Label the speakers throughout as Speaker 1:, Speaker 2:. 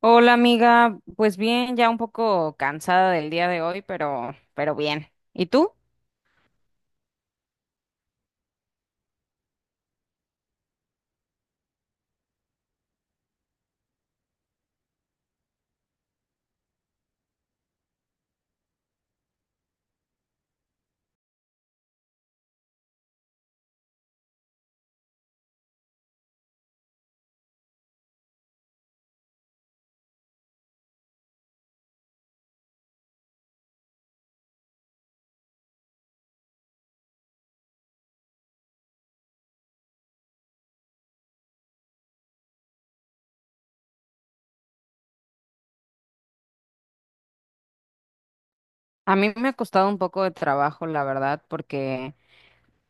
Speaker 1: Hola amiga, pues bien, ya un poco cansada del día de hoy, pero bien. ¿Y tú? A mí me ha costado un poco de trabajo, la verdad, porque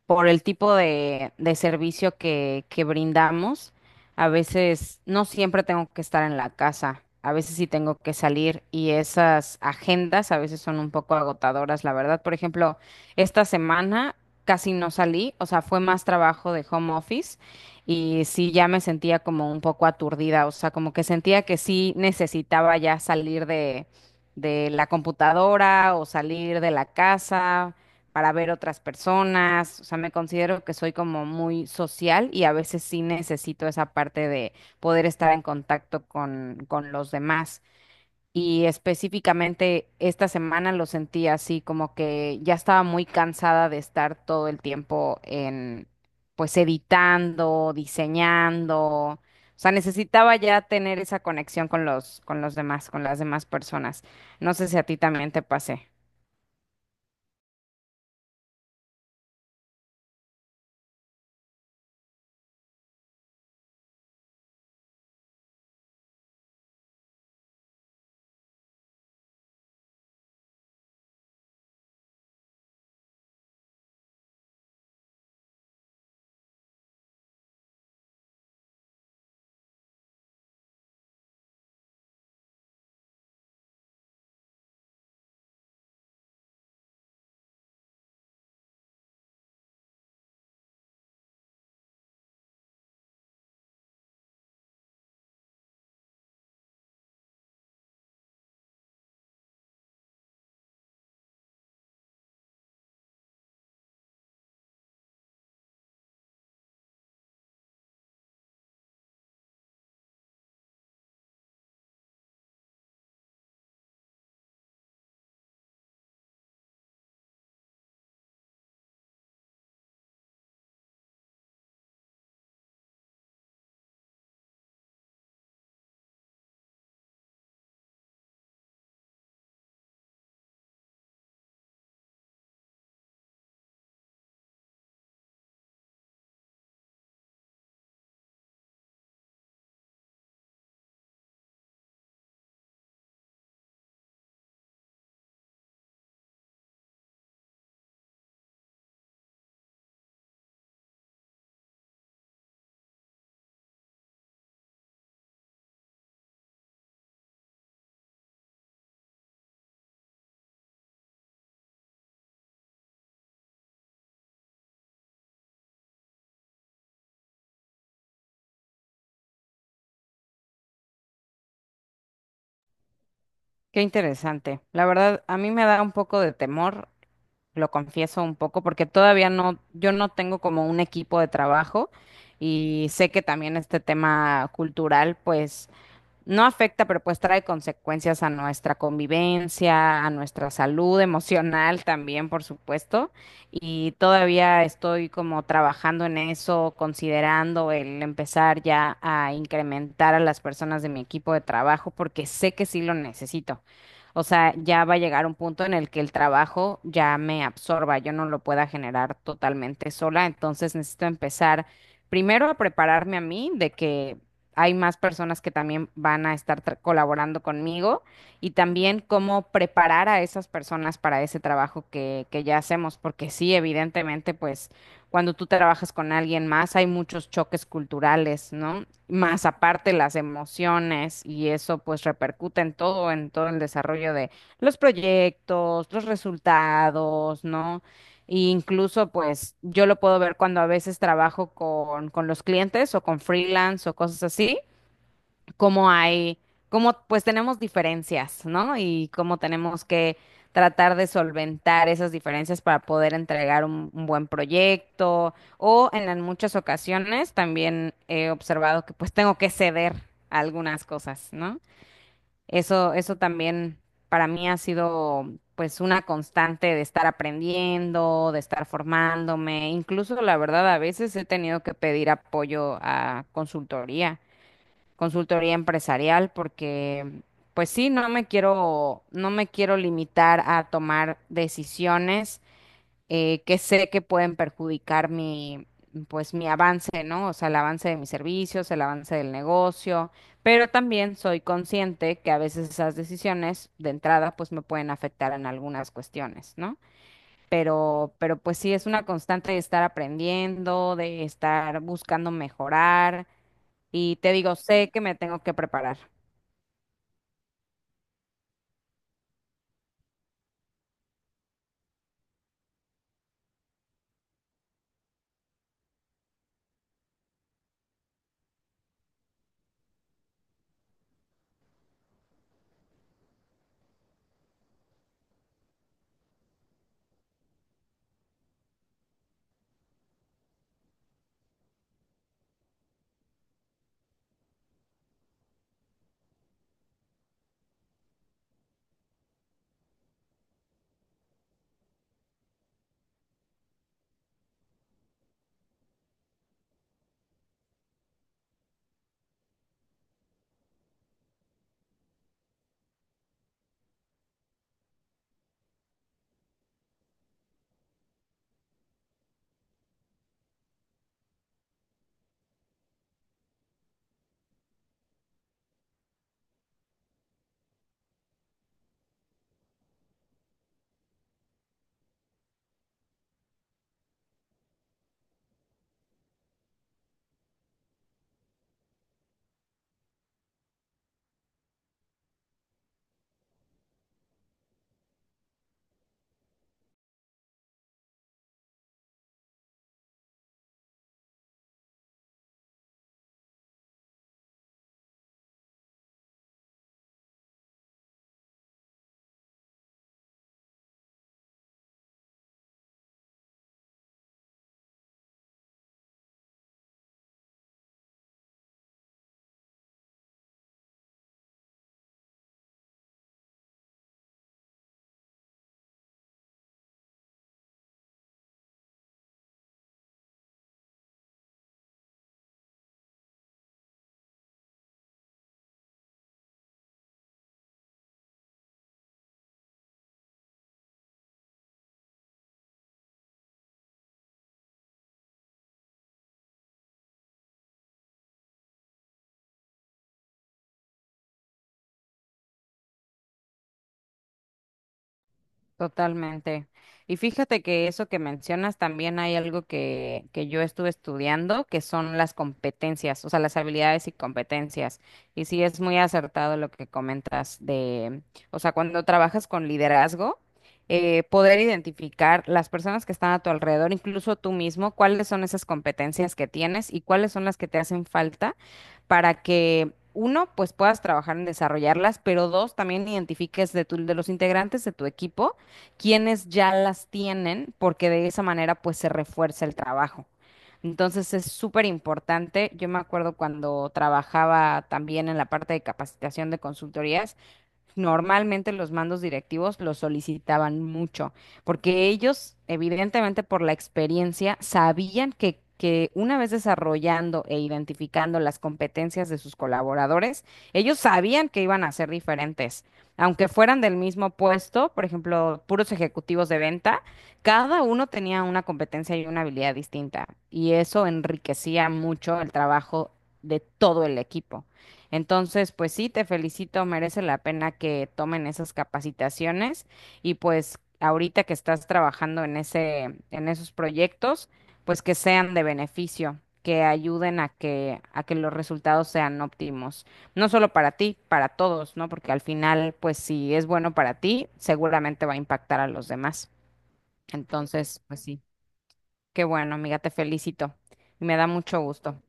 Speaker 1: por el tipo de servicio que brindamos, a veces no siempre tengo que estar en la casa, a veces sí tengo que salir y esas agendas a veces son un poco agotadoras, la verdad. Por ejemplo, esta semana casi no salí, o sea, fue más trabajo de home office y sí ya me sentía como un poco aturdida, o sea, como que sentía que sí necesitaba ya salir de la computadora o salir de la casa, para ver otras personas, o sea, me considero que soy como muy social y a veces sí necesito esa parte de poder estar en contacto con los demás. Y específicamente esta semana lo sentí así, como que ya estaba muy cansada de estar todo el tiempo en, pues, editando, diseñando. O sea, necesitaba ya tener esa conexión con con los demás, con las demás personas. No sé si a ti también te pasé. Qué interesante. La verdad, a mí me da un poco de temor, lo confieso un poco, porque todavía no, yo no tengo como un equipo de trabajo y sé que también este tema cultural, pues no afecta, pero pues trae consecuencias a nuestra convivencia, a nuestra salud emocional también, por supuesto. Y todavía estoy como trabajando en eso, considerando el empezar ya a incrementar a las personas de mi equipo de trabajo, porque sé que sí lo necesito. O sea, ya va a llegar un punto en el que el trabajo ya me absorba, yo no lo pueda generar totalmente sola, entonces necesito empezar primero a prepararme a mí de que hay más personas que también van a estar colaborando conmigo y también cómo preparar a esas personas para ese trabajo que ya hacemos, porque sí, evidentemente, pues cuando tú trabajas con alguien más hay muchos choques culturales, ¿no? Más aparte las emociones y eso pues repercute en todo el desarrollo de los proyectos, los resultados, ¿no? E incluso, pues, yo lo puedo ver cuando a veces trabajo con los clientes o con freelance o cosas así, cómo hay, cómo pues tenemos diferencias, ¿no? Y cómo tenemos que tratar de solventar esas diferencias para poder entregar un buen proyecto o en las muchas ocasiones también he observado que pues tengo que ceder a algunas cosas, ¿no? Eso también para mí ha sido pues una constante de estar aprendiendo, de estar formándome, incluso la verdad a veces he tenido que pedir apoyo a consultoría empresarial porque, pues sí, no me quiero limitar a tomar decisiones que sé que pueden perjudicar mi, pues mi avance, ¿no? O sea, el avance de mis servicios, el avance del negocio, pero también soy consciente que a veces esas decisiones de entrada, pues me pueden afectar en algunas cuestiones, ¿no? Pero pues sí, es una constante de estar aprendiendo, de estar buscando mejorar y te digo, sé que me tengo que preparar. Totalmente. Y fíjate que eso que mencionas también hay algo que yo estuve estudiando, que son las competencias, o sea, las habilidades y competencias. Y sí es muy acertado lo que comentas de, o sea, cuando trabajas con liderazgo, poder identificar las personas que están a tu alrededor, incluso tú mismo, cuáles son esas competencias que tienes y cuáles son las que te hacen falta para que uno, pues puedas trabajar en desarrollarlas, pero dos, también identifiques de de los integrantes de tu equipo quienes ya las tienen, porque de esa manera pues se refuerza el trabajo. Entonces es súper importante. Yo me acuerdo cuando trabajaba también en la parte de capacitación de consultorías, normalmente los mandos directivos los solicitaban mucho, porque ellos, evidentemente por la experiencia, sabían que una vez desarrollando e identificando las competencias de sus colaboradores, ellos sabían que iban a ser diferentes. Aunque fueran del mismo puesto, por ejemplo, puros ejecutivos de venta, cada uno tenía una competencia y una habilidad distinta, y eso enriquecía mucho el trabajo de todo el equipo. Entonces, pues sí, te felicito, merece la pena que tomen esas capacitaciones y pues ahorita que estás trabajando en ese, en esos proyectos, pues que sean de beneficio, que ayuden a que los resultados sean óptimos, no solo para ti, para todos, ¿no? Porque al final, pues si es bueno para ti, seguramente va a impactar a los demás. Entonces, pues sí, qué bueno, amiga, te felicito y me da mucho gusto.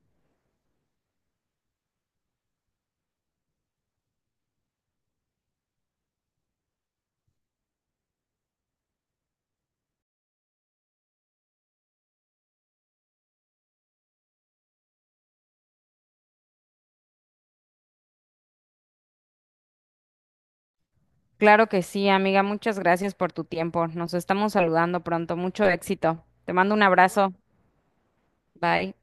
Speaker 1: Claro que sí, amiga. Muchas gracias por tu tiempo. Nos estamos saludando pronto. Mucho éxito. Te mando un abrazo. Bye.